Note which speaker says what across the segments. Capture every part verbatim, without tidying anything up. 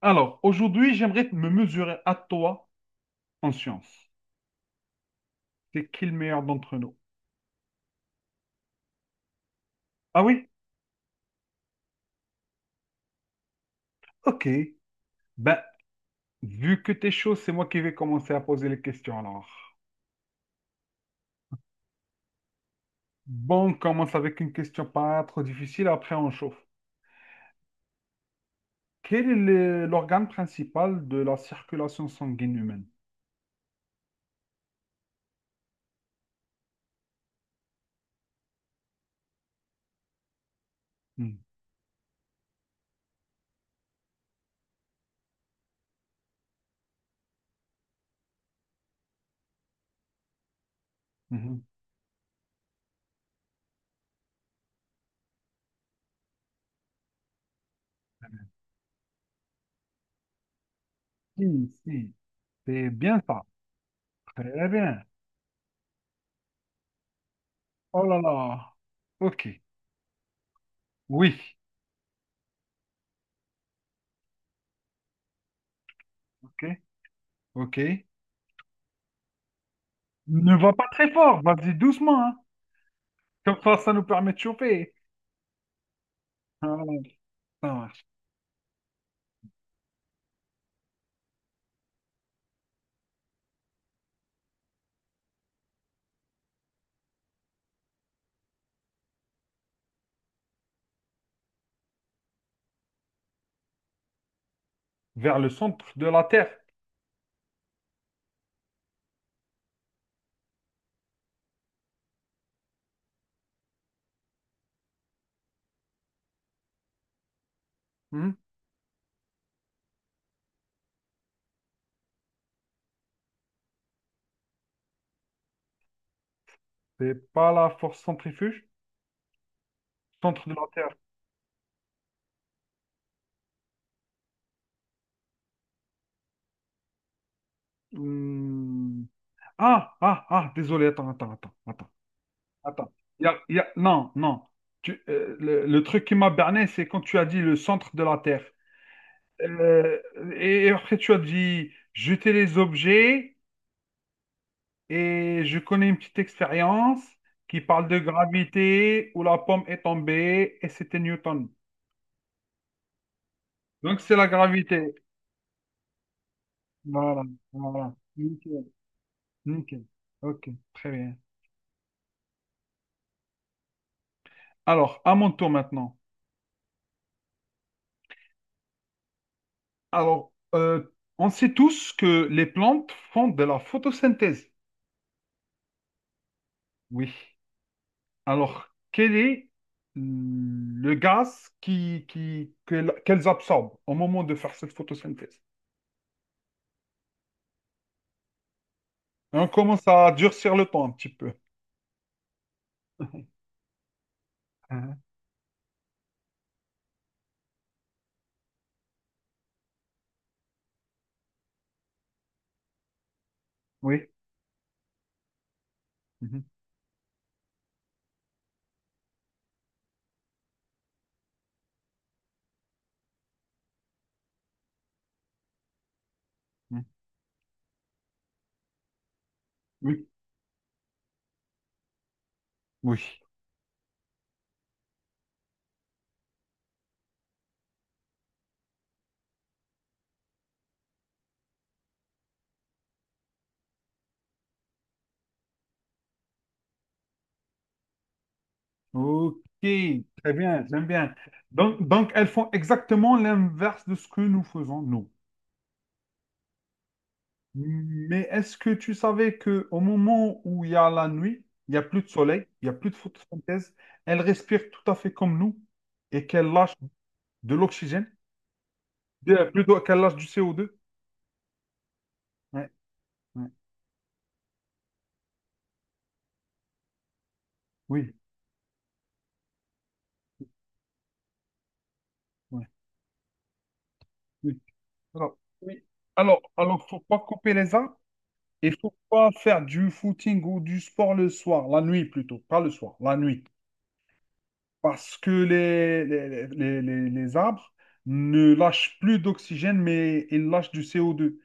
Speaker 1: Alors, aujourd'hui, j'aimerais me mesurer à toi en science. C'est qui le meilleur d'entre nous? Ah oui? Ok. Ben, vu que t'es chaud, c'est moi qui vais commencer à poser les questions alors. Bon, on commence avec une question pas trop difficile, après on chauffe. Quel est le- l'organe principal de la circulation sanguine humaine? Hmm, mhm. Si, si, c'est bien ça. Très bien. Oh là là. Ok. Oui. Ok. Ok. Ne va pas très fort, vas-y doucement, hein. Comme ça, ça nous permet de choper. Ah, ça marche. Vers le centre de la Terre. Hmm. C'est pas la force centrifuge? Centre de la Terre. Hmm. Ah, ah, ah, désolé, attends, attends, attends, attends, attends. Il Y a, il y a- Non, non. Tu- euh, le, le truc qui m'a berné, c'est quand tu as dit le centre de la Terre. Euh, et et après, tu as dit jeter les objets, et je connais une petite expérience qui parle de gravité où la pomme est tombée, et c'était Newton. Donc, c'est la gravité. Voilà, voilà. Nickel, nickel. Ok, très bien. Alors, à mon tour maintenant. Alors, euh, on sait tous que les plantes font de la photosynthèse. Oui. Alors, quel est hmm, le gaz qui, qui, que- qu'elles absorbent au moment de faire cette photosynthèse? On commence à durcir le temps un petit peu. Ah, oui. Mhm, mhm. Oui. Oui. Ok, très bien, j'aime bien. Donc, donc, elles font exactement l'inverse de ce que nous faisons, nous. Mais est-ce que tu savais que au moment où il y a la nuit, il n'y a plus de soleil, il n'y a plus de photosynthèse, elles respirent tout à fait comme nous et qu'elles lâchent de l'oxygène, de- plutôt qu'elles lâchent du co deux. Ouais, ouais, oui, ouais, oui. Alors, oui. Alors, alors, faut pas couper les arbres et faut pas faire du footing ou du sport le soir, la nuit plutôt, pas le soir, la nuit. Parce que les, les, les, les- les arbres ne lâchent plus d'oxygène, mais ils lâchent du C O deux.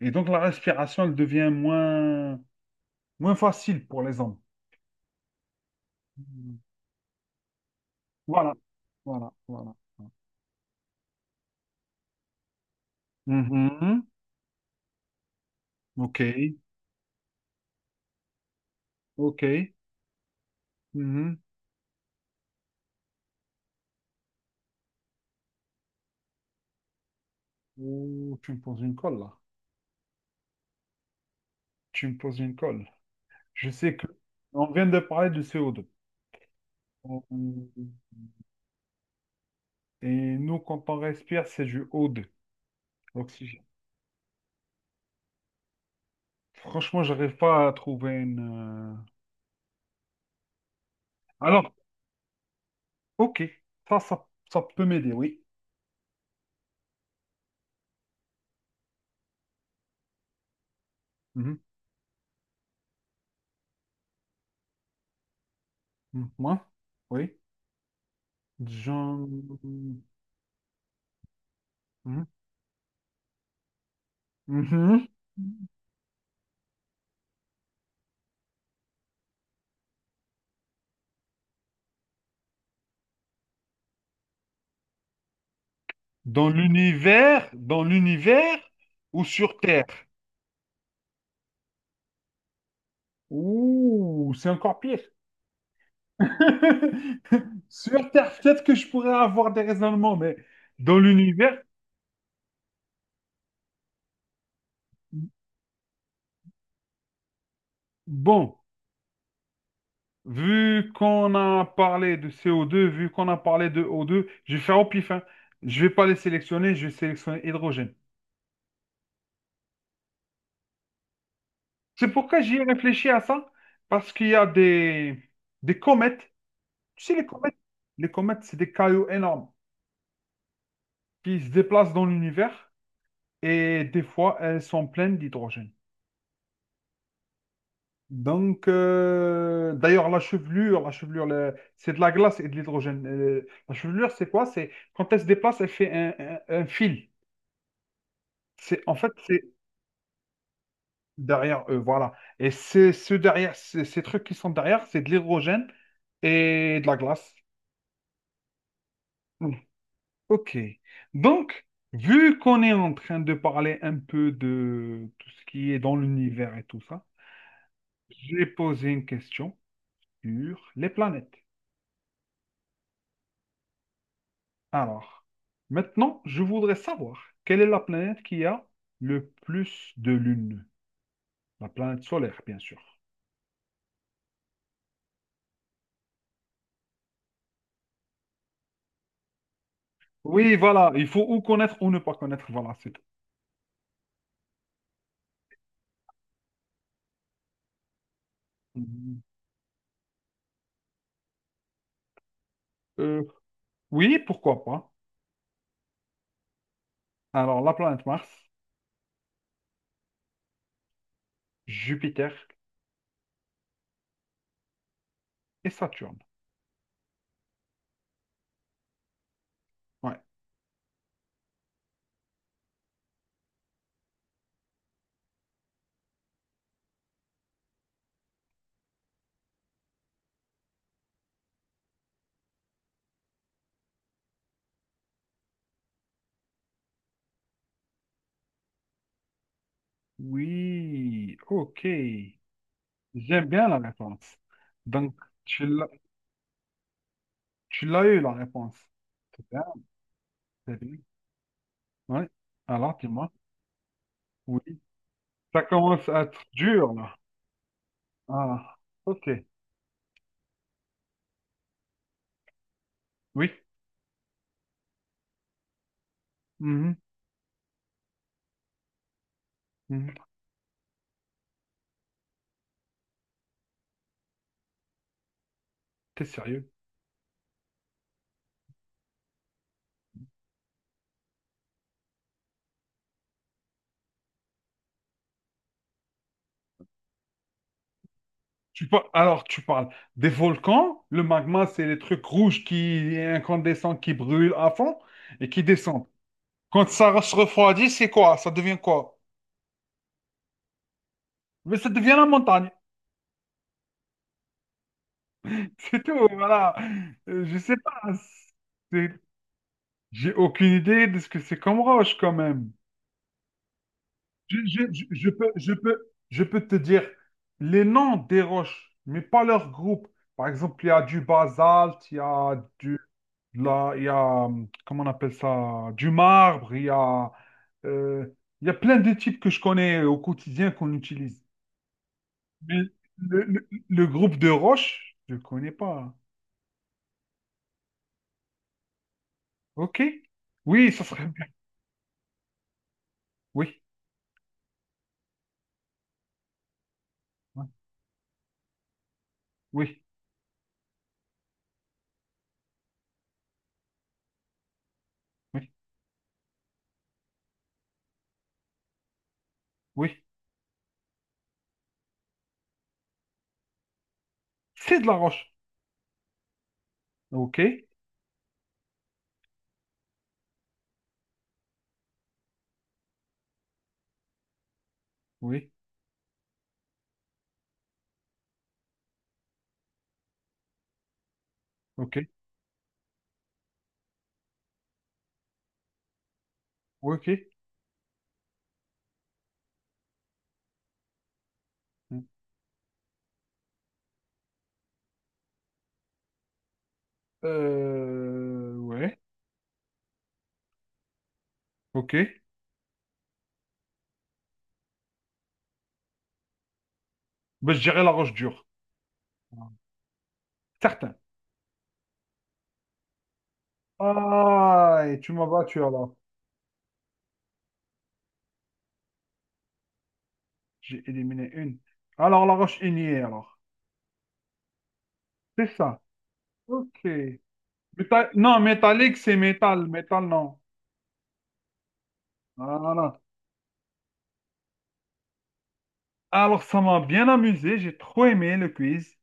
Speaker 1: Et donc la respiration, elle devient moins, moins facile pour les hommes. Mm. Voilà, voilà, voilà. Mhm. Ok, ok. Mhm. Oh, tu me poses une colle là. Tu me poses une colle. Je sais que on vient de parler du C O deux. On- Et nous, quand on respire, c'est du O deux, l'oxygène. Franchement, j'arrive pas à trouver une, euh, alors, ok. Ça, ça, ça peut m'aider, oui. Mhm. Mhm. Moi? Oui. Jean... Mhm. Mhm. Dans l'univers, dans l'univers ou sur Terre? Ouh, c'est encore pire. Sur Terre, peut-être que je pourrais avoir des raisonnements, mais dans l'univers, bon, vu qu'on a parlé de C O deux, vu qu'on a parlé de O deux, je vais faire au pif, hein. Je vais pas les sélectionner, je vais sélectionner hydrogène. C'est pourquoi j'y ai réfléchi à ça, parce qu'il y a des, des comètes. Tu sais, les comètes, les comètes, c'est des cailloux énormes qui se déplacent dans l'univers et des fois, elles sont pleines d'hydrogène. Donc, euh, d'ailleurs, la chevelure, la chevelure, le- c'est de la glace et de l'hydrogène. Euh, la chevelure, c'est quoi? C'est quand elle se déplace, elle fait un, un- un fil. C'est en fait, c'est derrière eux, voilà. Et c'est ce derrière, ces ces trucs qui sont derrière, c'est de l'hydrogène et de la glace. Ok. Donc, vu qu'on est en train de parler un peu de tout ce qui est dans l'univers et tout ça, j'ai posé une question sur les planètes. Alors, maintenant, je voudrais savoir quelle est la planète qui a le plus de lunes? La planète solaire, bien sûr. Oui, voilà, il faut ou connaître ou ne pas connaître, voilà, c'est tout. Mhm. Euh, oui, pourquoi pas. Alors, la planète Mars, Jupiter et Saturne. Ouais. Oui, ok. J'aime bien la réponse. Donc, tu l'as, tu l'as eu, la réponse. C'est bien, c'est bien. Oui. Alors, dis-moi. Oui. Ça commence à être dur, là. Ah, ok. Oui. Mhm, mhm. T'es sérieux? Tu par- Alors, tu parles des volcans. Le magma, c'est les trucs rouges qui incandescents, qui brûlent à fond et qui descendent. Quand ça se refroidit, c'est quoi? Ça devient quoi? Mais ça devient la montagne. C'est tout, voilà. Euh, Je sais pas. C'est... J'ai aucune idée de ce que c'est comme roche quand même. Je, je- je- je peux, je peux, je peux te dire les noms des roches, mais pas leur groupe. Par exemple, il y a du basalte, il y a du, de la- il y a, hum, comment on appelle ça, du marbre, il y a, euh, il y a plein de types que je connais au quotidien qu'on utilise. Mais le, le- le groupe de roches, je ne connais pas. OK? Oui, ça serait bien. Oui, ouais, oui, oui, oui. C'est de la roche. OK? Oui. Ok. Ouais, ok. Euh, ouais. Ok. Bah, je dirais la roche dure. Certain. Ah, et tu m'as battu alors. J'ai éliminé une. Alors, la roche ignée, alors. C'est ça. Ok. Méta-. Non, métallique, c'est métal. Métal, non. Voilà. Alors, ça m'a bien amusé. J'ai trop aimé le quiz.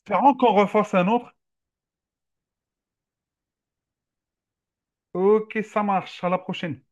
Speaker 1: Espérons qu'on refasse un autre. Ok, ça marche. À la prochaine.